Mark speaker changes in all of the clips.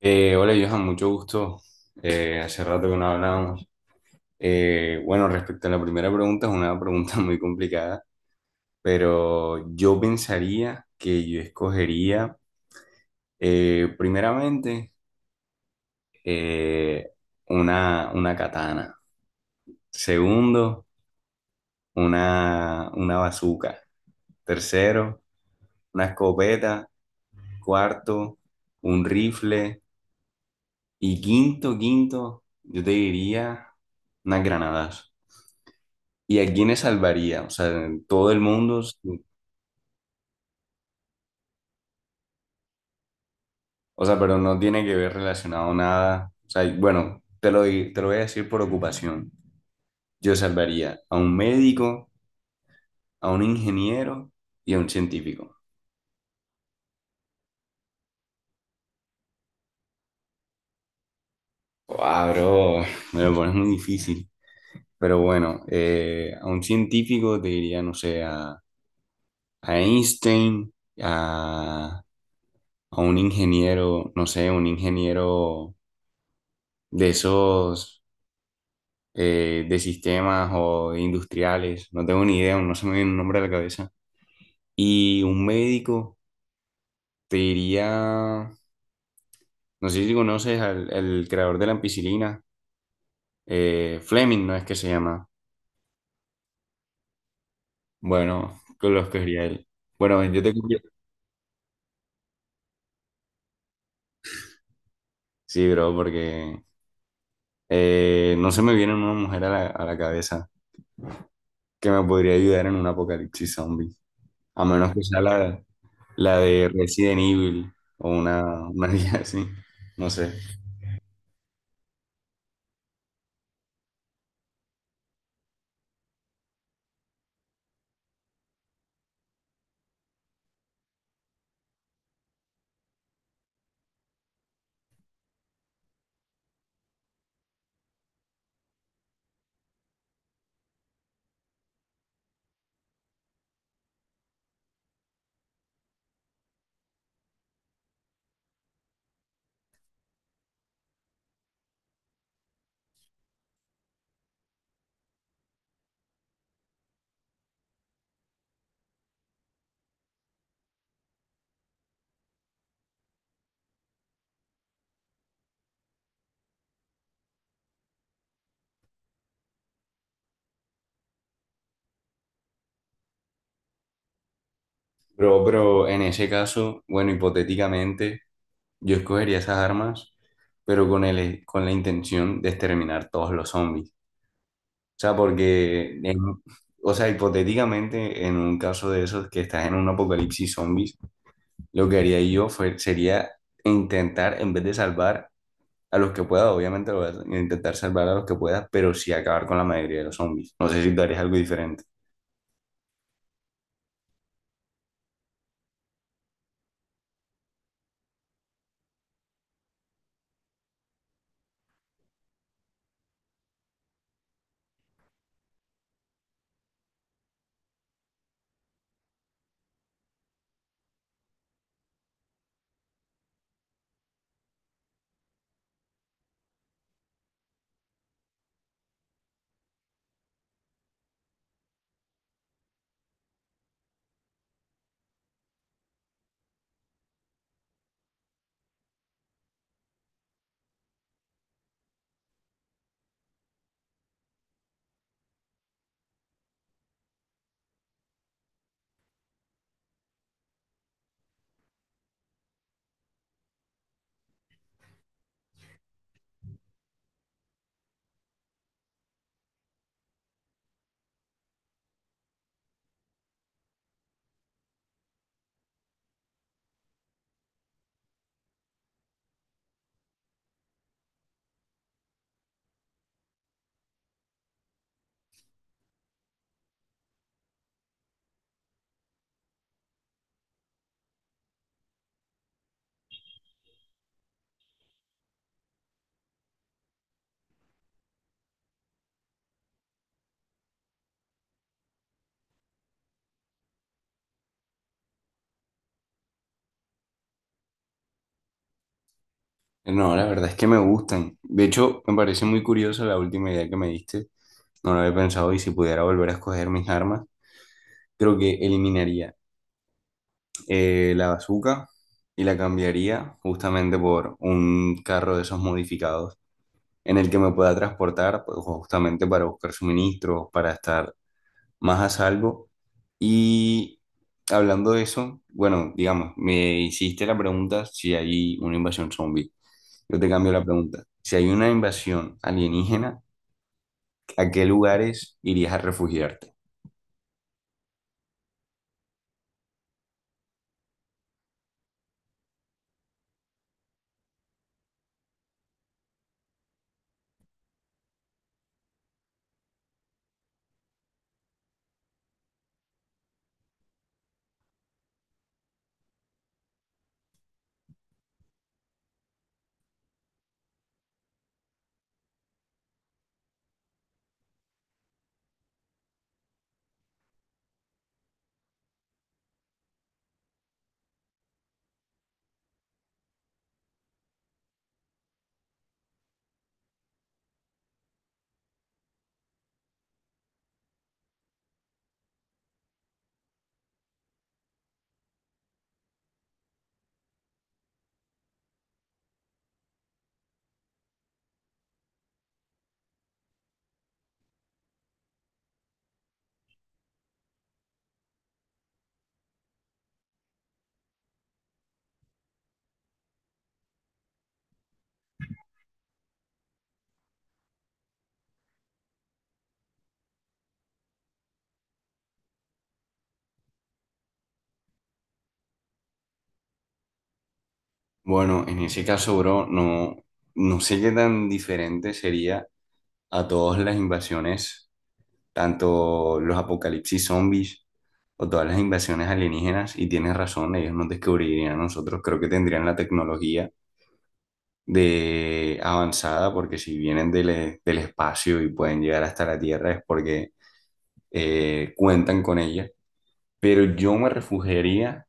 Speaker 1: Hola Johan, mucho gusto. Hace rato que no hablábamos. Bueno, respecto a la primera pregunta, es una pregunta muy complicada, pero yo pensaría que yo escogería primeramente eh, una katana, segundo, una bazooka, tercero, una escopeta, cuarto, un rifle y quinto, yo te diría unas granadas. ¿Y a quiénes salvaría? O sea, en todo el mundo, sí. O sea, pero no tiene que ver relacionado nada. O sea, y bueno, te lo voy a decir por ocupación. Yo salvaría a un médico, a un ingeniero y a un científico. Wow, bro, me lo pones muy difícil. Pero bueno, a un científico te diría, no sé, a Einstein, a, a un ingeniero, no sé, un ingeniero de esos de sistemas o de industriales, no tengo ni idea, no se me viene un nombre a la cabeza. Y un médico te diría, no sé si conoces al el creador de la ampicilina, Fleming, ¿no es que se llama? Bueno, que lo escogería él. Bueno, yo te... Sí, bro, porque no se me viene una mujer a a la cabeza que me podría ayudar en un apocalipsis zombie, a menos que sea la, la de Resident Evil o una guía así, no sé. Bro, pero en ese caso, bueno, hipotéticamente, yo escogería esas armas, pero con con la intención de exterminar todos los zombies. O sea, o sea, hipotéticamente, en un caso de esos que estás en un apocalipsis zombies, lo que haría yo sería intentar, en vez de salvar a los que pueda, obviamente lo voy a intentar salvar a los que pueda, pero sí acabar con la mayoría de los zombies. No sé si tú harías algo diferente. No, la verdad es que me gustan. De hecho, me parece muy curiosa la última idea que me diste. No lo había pensado y si pudiera volver a escoger mis armas, creo que eliminaría la bazooka y la cambiaría justamente por un carro de esos modificados en el que me pueda transportar pues, justamente para buscar suministros, para estar más a salvo. Y hablando de eso, bueno, digamos, me hiciste la pregunta si hay una invasión zombie. Yo te cambio la pregunta. Si hay una invasión alienígena, ¿a qué lugares irías a refugiarte? Bueno, en ese caso, bro, no, no sé qué tan diferente sería a todas las invasiones, tanto los apocalipsis zombies o todas las invasiones alienígenas, y tienes razón, ellos nos descubrirían a nosotros, creo que tendrían la tecnología de avanzada, porque si vienen del espacio y pueden llegar hasta la Tierra es porque cuentan con ella. Pero yo me refugiaría,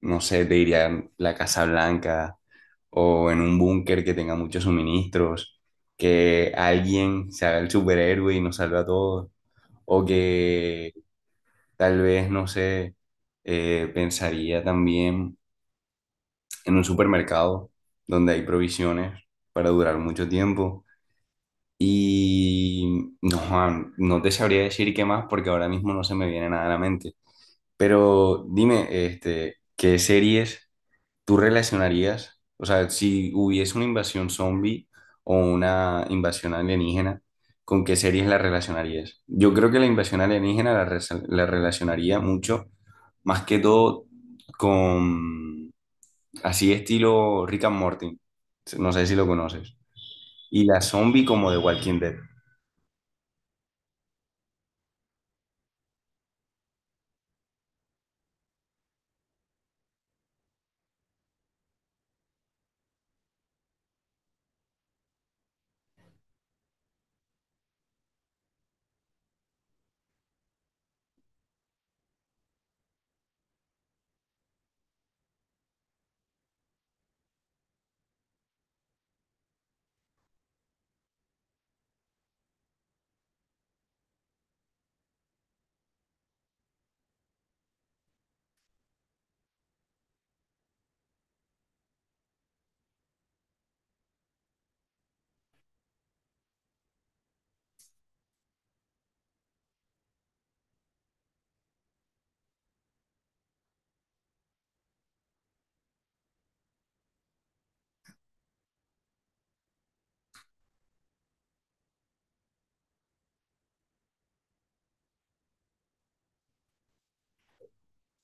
Speaker 1: no sé, te diría en la Casa Blanca o en un búnker que tenga muchos suministros, que alguien se haga el superhéroe y nos salve a todos, o que tal vez, no sé, pensaría también en un supermercado donde hay provisiones para durar mucho tiempo. Y no, Juan, no te sabría decir qué más porque ahora mismo no se me viene nada a la mente. Pero dime, este, ¿qué series tú relacionarías? O sea, si hubiese una invasión zombie o una invasión alienígena, ¿con qué series la relacionarías? Yo creo que la invasión alienígena la relacionaría mucho, más que todo con así estilo Rick and Morty. No sé si lo conoces. Y la zombie como de Walking Dead.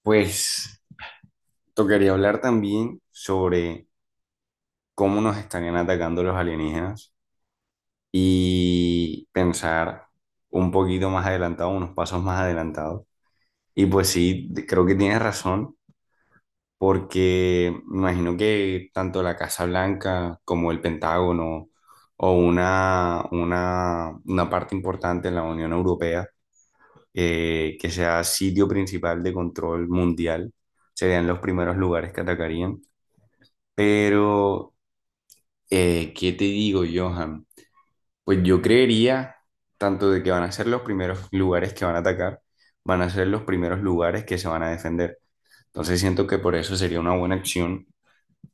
Speaker 1: Pues tocaría hablar también sobre cómo nos estarían atacando los alienígenas y pensar un poquito más adelantado, unos pasos más adelantados. Y pues sí, creo que tienes razón, porque me imagino que tanto la Casa Blanca como el Pentágono o una parte importante en la Unión Europea, que sea sitio principal de control mundial, serían los primeros lugares que atacarían. Pero, ¿qué te digo, Johan? Pues yo creería tanto de que van a ser los primeros lugares que van a atacar, van a ser los primeros lugares que se van a defender. Entonces siento que por eso sería una buena acción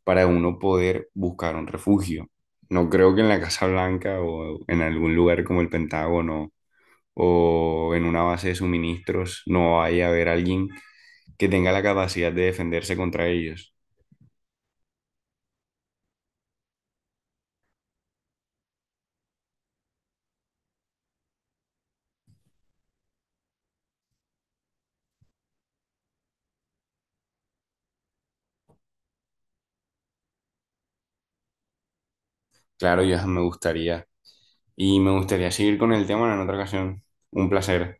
Speaker 1: para uno poder buscar un refugio. No creo que en la Casa Blanca o en algún lugar como el Pentágono o en una base de suministros no vaya a haber alguien que tenga la capacidad de defenderse contra ellos. Claro, Johan, me gustaría y me gustaría seguir con el tema en otra ocasión. Un placer.